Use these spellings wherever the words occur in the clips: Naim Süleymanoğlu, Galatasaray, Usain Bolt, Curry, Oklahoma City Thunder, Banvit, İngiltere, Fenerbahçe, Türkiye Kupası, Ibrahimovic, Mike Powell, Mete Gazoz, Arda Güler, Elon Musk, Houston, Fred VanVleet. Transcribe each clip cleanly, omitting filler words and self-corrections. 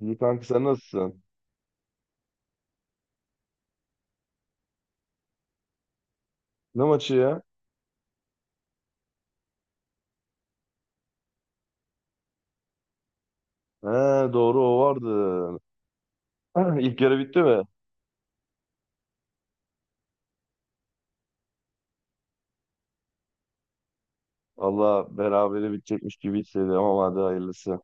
İyi kanka sen nasılsın? Ne maçı ya? He, doğru o vardı. İlk yarı bitti mi? Valla berabere bitecekmiş gibi hissediyorum ama hadi hayırlısı.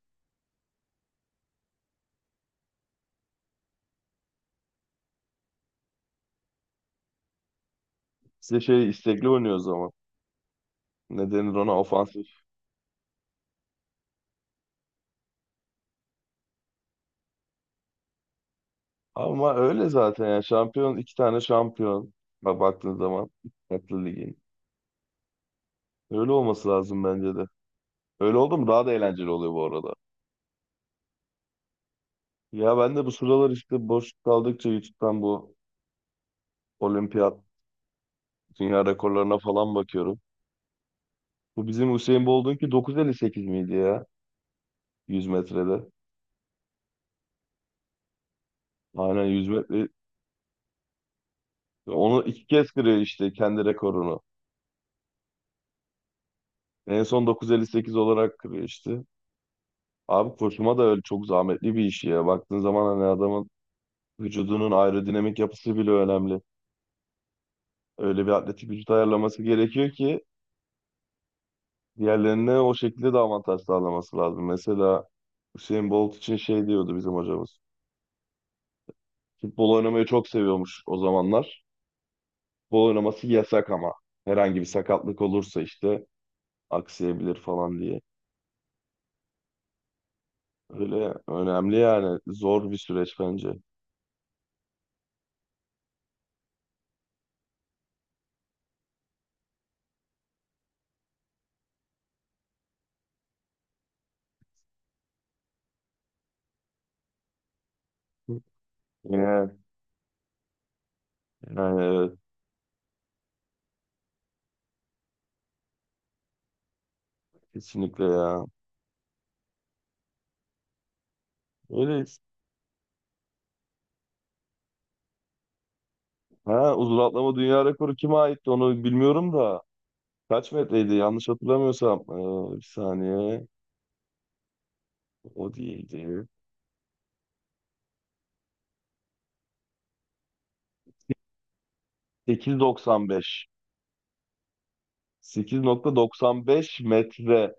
Size şey, istekli oynuyor o zaman. Ne denir ona, ofansif. Ama öyle zaten ya, şampiyon, iki tane şampiyon. Bak baktığın zaman farklı ligin. Öyle olması lazım bence de. Öyle oldu mu daha da eğlenceli oluyor bu arada. Ya ben de bu sıralar işte boş kaldıkça YouTube'dan bu olimpiyat dünya rekorlarına falan bakıyorum. Bu bizim Usain Bolt'un ki 9.58 miydi ya, 100 metrede? Aynen, 100 metre. Onu iki kez kırıyor işte, kendi rekorunu. En son 9.58 olarak kırıyor işte. Abi koşuma da öyle çok zahmetli bir iş ya. Baktığın zaman hani, adamın vücudunun aerodinamik yapısı bile önemli. Öyle bir atletik vücut ayarlaması gerekiyor ki diğerlerine o şekilde de avantaj sağlaması lazım. Mesela Usain Bolt için şey diyordu bizim hocamız. Futbol oynamayı çok seviyormuş o zamanlar. Futbol oynaması yasak ama, herhangi bir sakatlık olursa işte aksayabilir falan diye. Öyle önemli yani, zor bir süreç bence. Hı. Yani, yani, evet, kesinlikle ya. Öyleyiz. Ha, uzun atlama dünya rekoru kime aitti onu bilmiyorum da. Kaç metreydi yanlış hatırlamıyorsam. Bir saniye. O değildi. 8.95. 8.95 metre.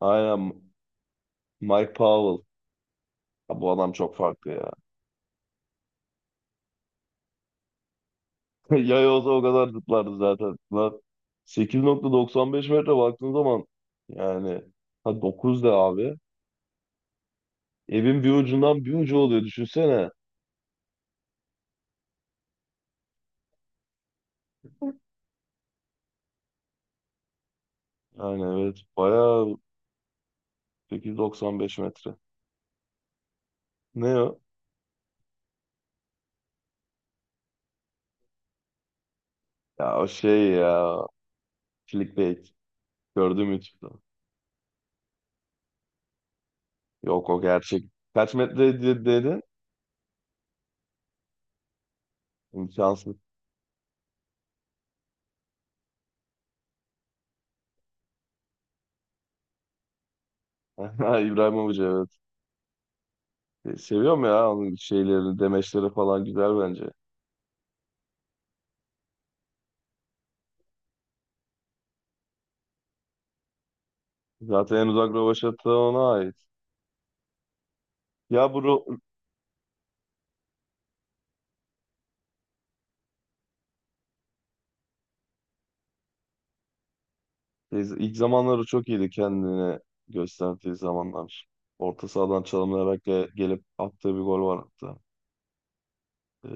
Aynen, Mike Powell. Ha, bu adam çok farklı ya. Yay olsa o kadar zıplardı zaten. Lan 8.95 metre, baktığın zaman yani, ha 9 da abi. Evin bir ucundan bir ucu oluyor, düşünsene. Yani evet, bayağı. 8.95 metre. Ne o? Ya o şey ya, clickbait. Gördüm YouTube'da. Yok o gerçek. Kaç metre dedin? İmkansız. İbrahimovic, evet. Seviyorum ya, onun şeyleri, demeçleri falan güzel bence. Zaten en uzak rövaşata ona ait. Ya bu ro-. Biz ilk zamanları çok iyiydi, kendini gösterdiği zamanlar. Orta sahadan çalımlayarak gelip attığı bir gol var hatta. Ee,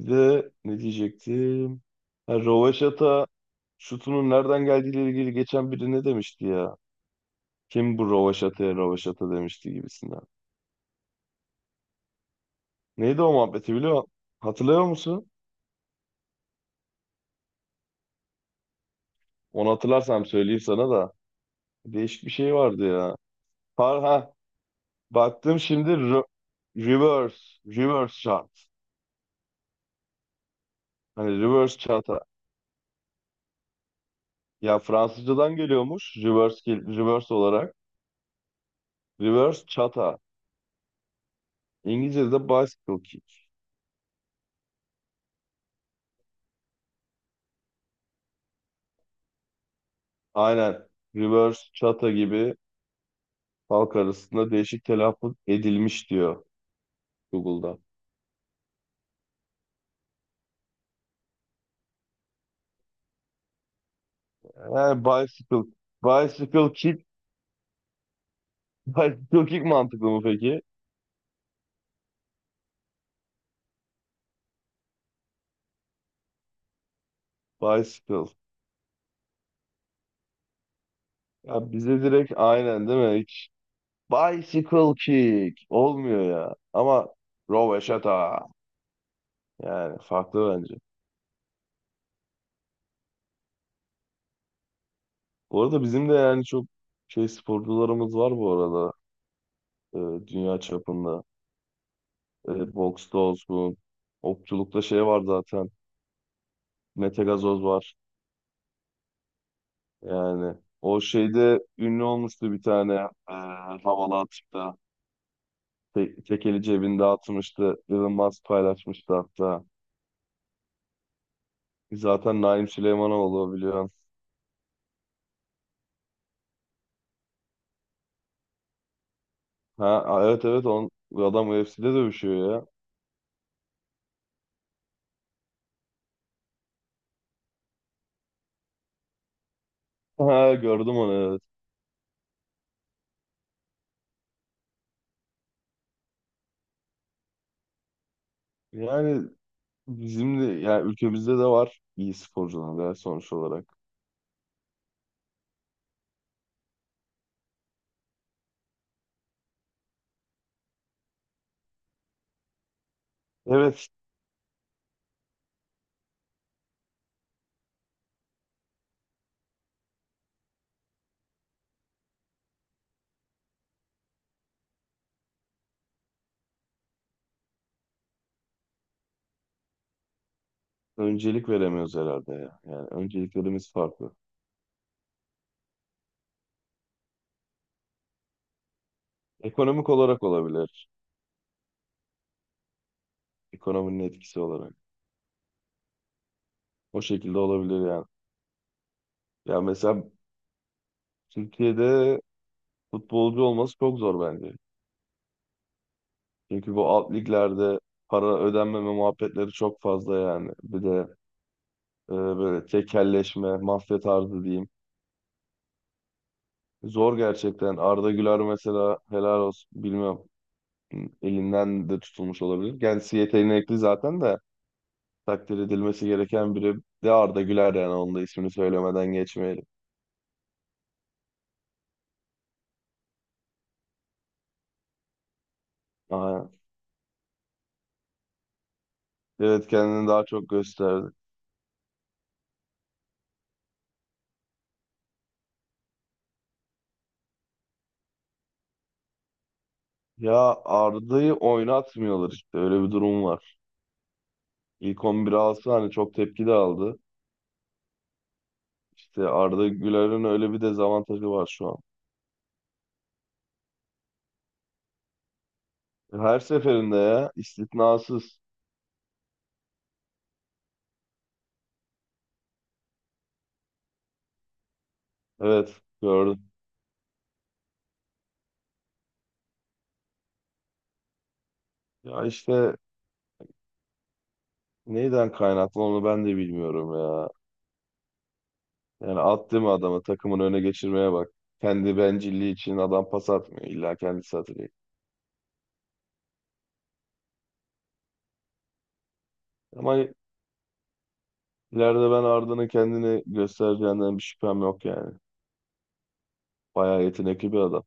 Bir de ne diyecektim? Ha, Rovaşata şutunun nereden geldiğiyle ilgili geçen biri ne demişti ya? Kim bu Rovaşata'ya Rovaşata demişti gibisinden. Neydi o muhabbeti, hatırlıyor musun? Onu hatırlarsam söyleyeyim sana da. Değişik bir şey vardı ya. Har, ha, baktım şimdi. Reverse, reverse shot. Hani, reverse shot. Ya Fransızcadan geliyormuş, reverse, reverse olarak. Reverse chata. İngilizce'de bicycle kick. Aynen. Reverse chata gibi halk arasında değişik telaffuz edilmiş, diyor Google'da. Yani bicycle kick, bicycle kick mantıklı mı peki? Bicycle. Ya bize direkt aynen değil mi? Hiç bicycle kick olmuyor ya. Ama roveşata, yani farklı bence. Bu arada bizim de yani çok şey sporcularımız var bu arada. e, Dünya çapında. Boksta olsun. Okçulukta şey var zaten. Mete Gazoz var. Yani o şeyde ünlü olmuştu bir tane, e, havalı atıkta. Tekeli cebinde atmıştı. Elon Musk paylaşmıştı hatta. Zaten Naim Süleymanoğlu, biliyorsun. Ha, evet, evet, bu adam UFC'de dövüşüyor ya. Ha, gördüm onu, evet. Yani bizim de yani ülkemizde de var iyi sporcular ya, sonuç olarak. Evet, öncelik veremiyoruz herhalde ya. Yani önceliklerimiz farklı. Ekonomik olarak olabilir. Ekonominin etkisi olarak. O şekilde olabilir yani. Ya mesela Türkiye'de futbolcu olması çok zor bence. Çünkü bu alt liglerde para ödenmeme muhabbetleri çok fazla yani. Bir de böyle tekelleşme, mafya tarzı diyeyim. Zor gerçekten. Arda Güler mesela, helal olsun, bilmem elinden de tutulmuş olabilir. Kendisi, yeteneği zaten de takdir edilmesi gereken biri de Arda Güler, yani onun da ismini söylemeden geçmeyelim. Aynen. Evet, kendini daha çok gösterdi. Ya Arda'yı oynatmıyorlar işte, öyle bir durum var. İlk 11 alsa hani çok tepki de aldı. İşte Arda Güler'in öyle bir dezavantajı var şu an. Her seferinde ya, istisnasız. Evet, gördüm. Ya işte neyden kaynaklı onu ben de bilmiyorum ya. Yani attı mı adamı, takımın öne geçirmeye bak. Kendi bencilliği için adam pas atmıyor. İlla kendisi atacak. Ama ileride ben Arda'nın kendini göstereceğinden bir şüphem yok yani. Bayağı yetenekli bir adam.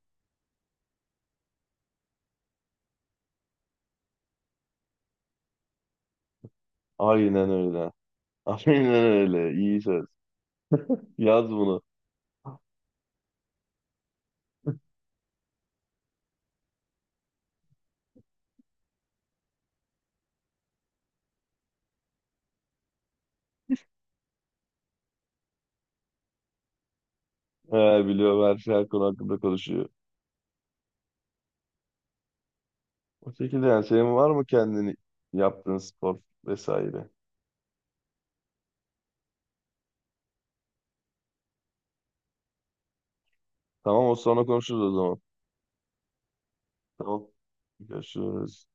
Aynen öyle. Aynen öyle. İyi söz. Yaz bunu. Eğer biliyor, her şey, her konu hakkında konuşuyor. O şekilde, yani senin var mı kendini yaptığın spor vesaire? Tamam, o sonra konuşuruz o zaman. Tamam. Görüşürüz.